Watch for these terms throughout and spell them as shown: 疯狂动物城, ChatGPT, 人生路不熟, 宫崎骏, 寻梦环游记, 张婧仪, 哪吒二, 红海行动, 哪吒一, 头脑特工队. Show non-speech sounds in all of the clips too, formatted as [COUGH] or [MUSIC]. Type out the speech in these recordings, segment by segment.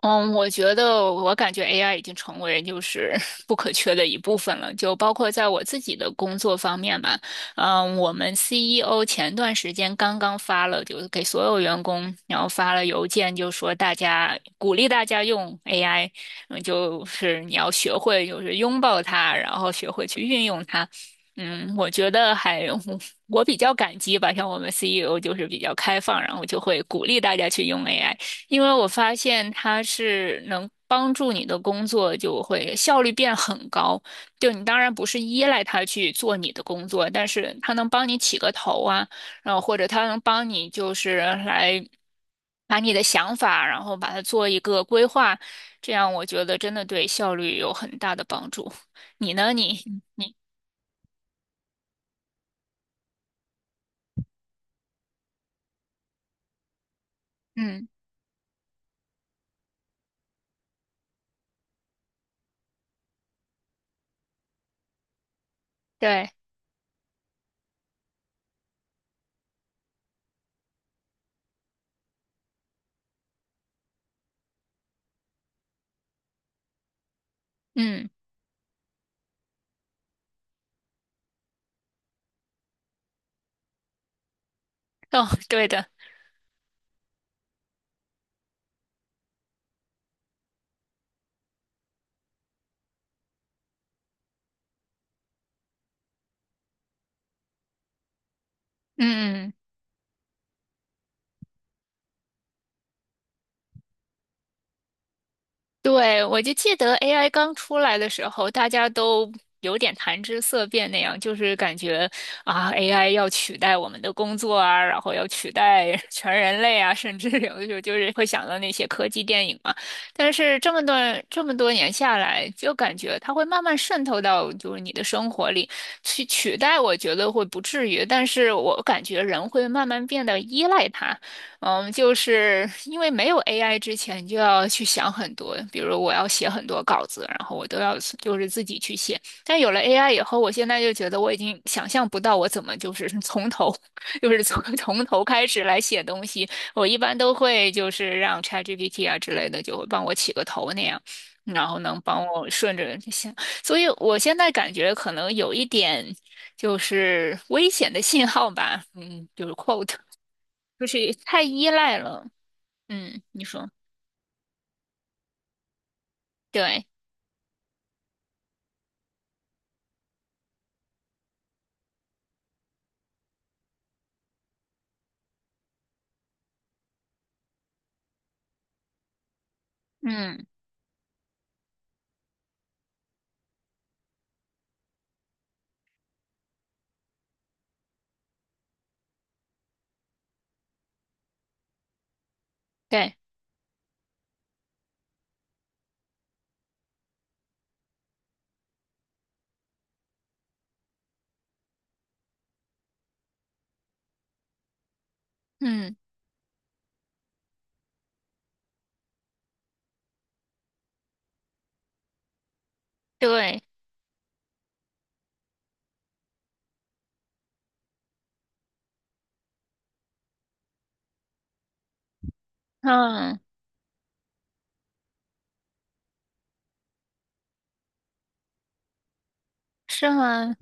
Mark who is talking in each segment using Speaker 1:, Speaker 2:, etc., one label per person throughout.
Speaker 1: 嗯，我觉得我感觉 AI 已经成为就是 [LAUGHS] 不可缺的一部分了，就包括在我自己的工作方面吧。我们 CEO 前段时间刚刚发了，就是给所有员工，然后发了邮件，就说大家鼓励大家用 AI,就是你要学会就是拥抱它，然后学会去运用它。我觉得还 [LAUGHS] 我比较感激吧，像我们 CEO 就是比较开放，然后就会鼓励大家去用 AI。因为我发现它是能帮助你的工作就会效率变很高。就你当然不是依赖它去做你的工作，但是它能帮你起个头啊，然后或者它能帮你就是来把你的想法，然后把它做一个规划，这样我觉得真的对效率有很大的帮助。你呢？你嗯。对。嗯。哦，对的。嗯嗯。嗯。对，我就记得 AI 刚出来的时候，大家都有点谈之色变那样，就是感觉啊，AI 要取代我们的工作啊，然后要取代 [LAUGHS] 全人类啊，甚至有的时候就是会想到那些科技电影嘛。但是这么多年下来，就感觉它会慢慢渗透到就是你的生活里去取代，我觉得会不至于，但是我感觉人会慢慢变得依赖它。就是因为没有 AI 之前，你就要去想很多，比如我要写很多稿子，然后我都要就是自己去写。但有了 AI 以后，我现在就觉得我已经想象不到我怎么就是 [LAUGHS] [LAUGHS] 就是从 [LAUGHS] 从头开始来写东西。我一般都会就是让 ChatGPT 啊之类的，就会帮我起个头那样，然后能帮我顺着想。所以我现在感觉可能有一点。就是危险的信号吧，就是 quote,就是太依赖了。嗯，你说。对。嗯。对。嗯。对。嗯。是吗？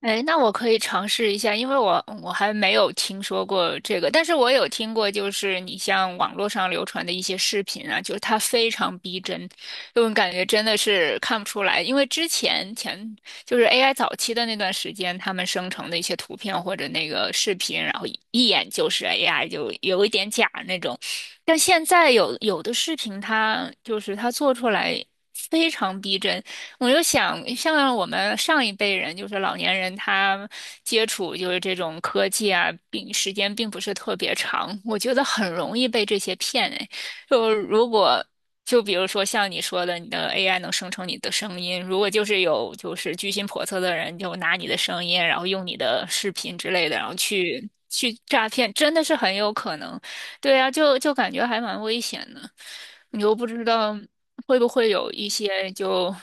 Speaker 1: 哎，那我可以尝试一下，因为我还没有听说过这个，但是我有听过，就是你像网络上流传的一些视频啊，就是它非常逼真，就我感觉真的是看不出来，因为之前前就是 AI 早期的那段时间，他们生成的一些图片或者那个视频，然后一一眼就是 AI,就有一点假那种，但现在有的视频它就是它做出来非常逼真。我就想，像我们上一辈人，就是老年人，他接触就是这种科技啊，时间并不是特别长，我觉得很容易被这些骗哎。就如果就比如说像你说的，你的 AI 能生成你的声音，如果就是有就是居心叵测的人，就拿你的声音，然后用你的视频之类的，然后去诈骗，真的是很有可能。对啊，就感觉还蛮危险的，你又不知道会不会有一些就，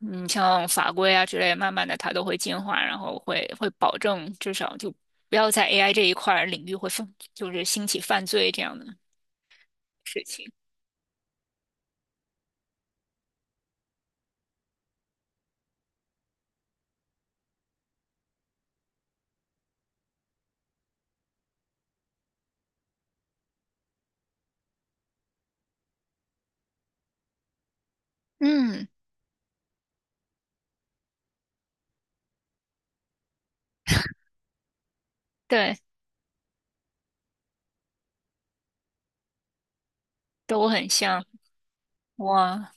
Speaker 1: 嗯，像法规啊之类，慢慢的它都会进化，然后会保证至少就不要在 AI 这一块儿领域会犯，就是兴起犯罪这样的事情。嗯。对。都很像。哇。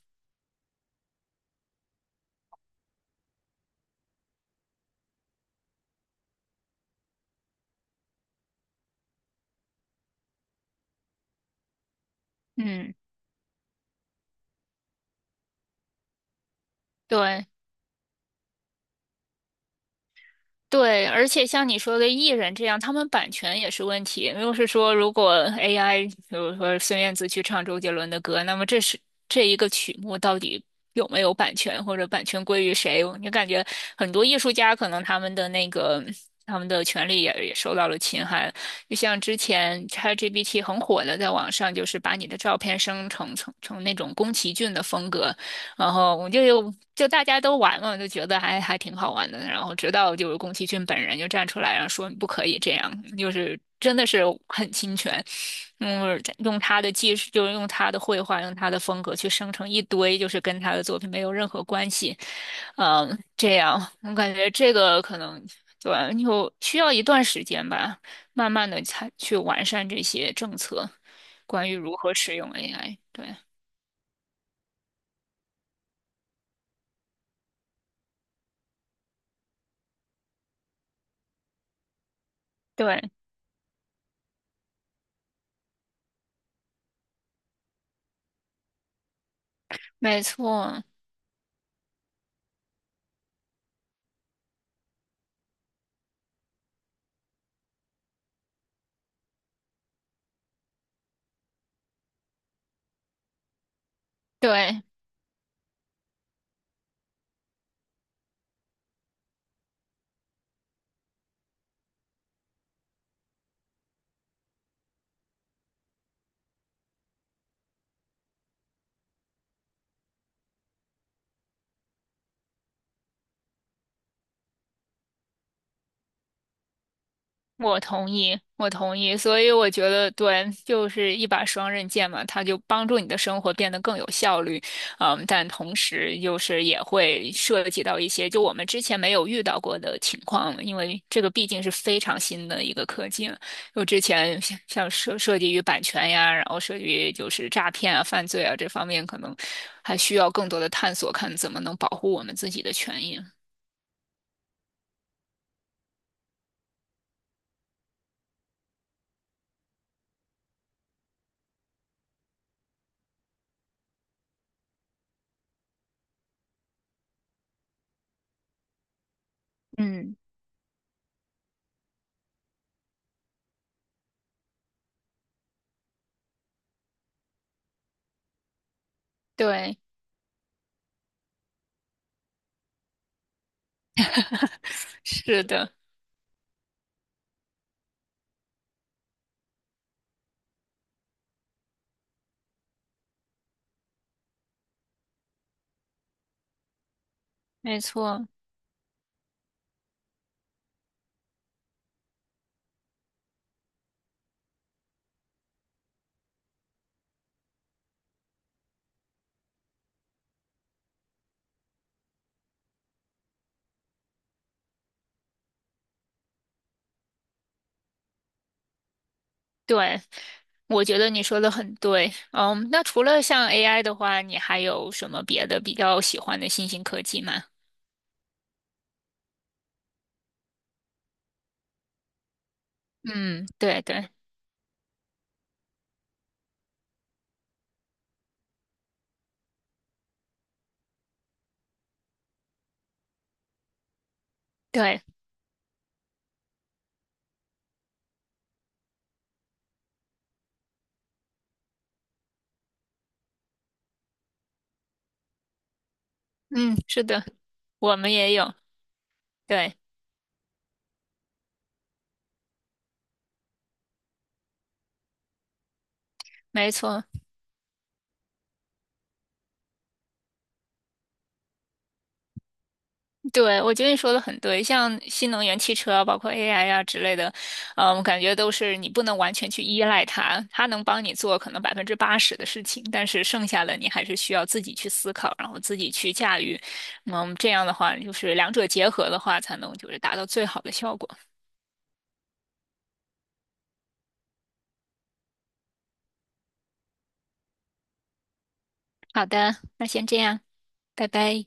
Speaker 1: 嗯，对，对，而且像你说的艺人这样，他们版权也是问题。就是说，如果 AI,比如说孙燕姿去唱周杰伦的歌，那么这一个曲目到底有没有版权，或者版权归于谁？你感觉很多艺术家可能他们的权利也受到了侵害。就像之前 ChatGPT 很火的，在网上就是把你的照片生成成那种宫崎骏的风格，然后我就大家都玩嘛，就觉得还挺好玩的。然后直到就是宫崎骏本人就站出来，然后说你不可以这样，就是真的是很侵权。嗯。用他的技术，就是用他的绘画，用他的风格去生成一堆就是跟他的作品没有任何关系。嗯。这样我感觉这个可能对。就需要一段时间吧，慢慢的才去完善这些政策，关于如何使用 AI。对对，没错。对，我同意，我同意，所以我觉得对，就是一把双刃剑嘛，它就帮助你的生活变得更有效率，嗯，但同时就是也会涉及到一些就我们之前没有遇到过的情况，因为这个毕竟是非常新的一个科技了，就之前像涉及于版权呀，然后涉及于就是诈骗啊、犯罪啊这方面，可能还需要更多的探索，看怎么能保护我们自己的权益。嗯，对，[LAUGHS] 是的，没错。对，我觉得你说的很对。嗯，那除了像 AI 的话，你还有什么别的比较喜欢的新兴科技吗？嗯，对对对，嗯，是的，我们也有，对，没错。对，我觉得你说的很对，像新能源汽车啊包括 AI 啊之类的，我感觉都是你不能完全去依赖它，它能帮你做可能80%的事情，但是剩下的你还是需要自己去思考，然后自己去驾驭。这样的话，就是两者结合的话，才能就是达到最好的效果。好的，那先这样，拜拜。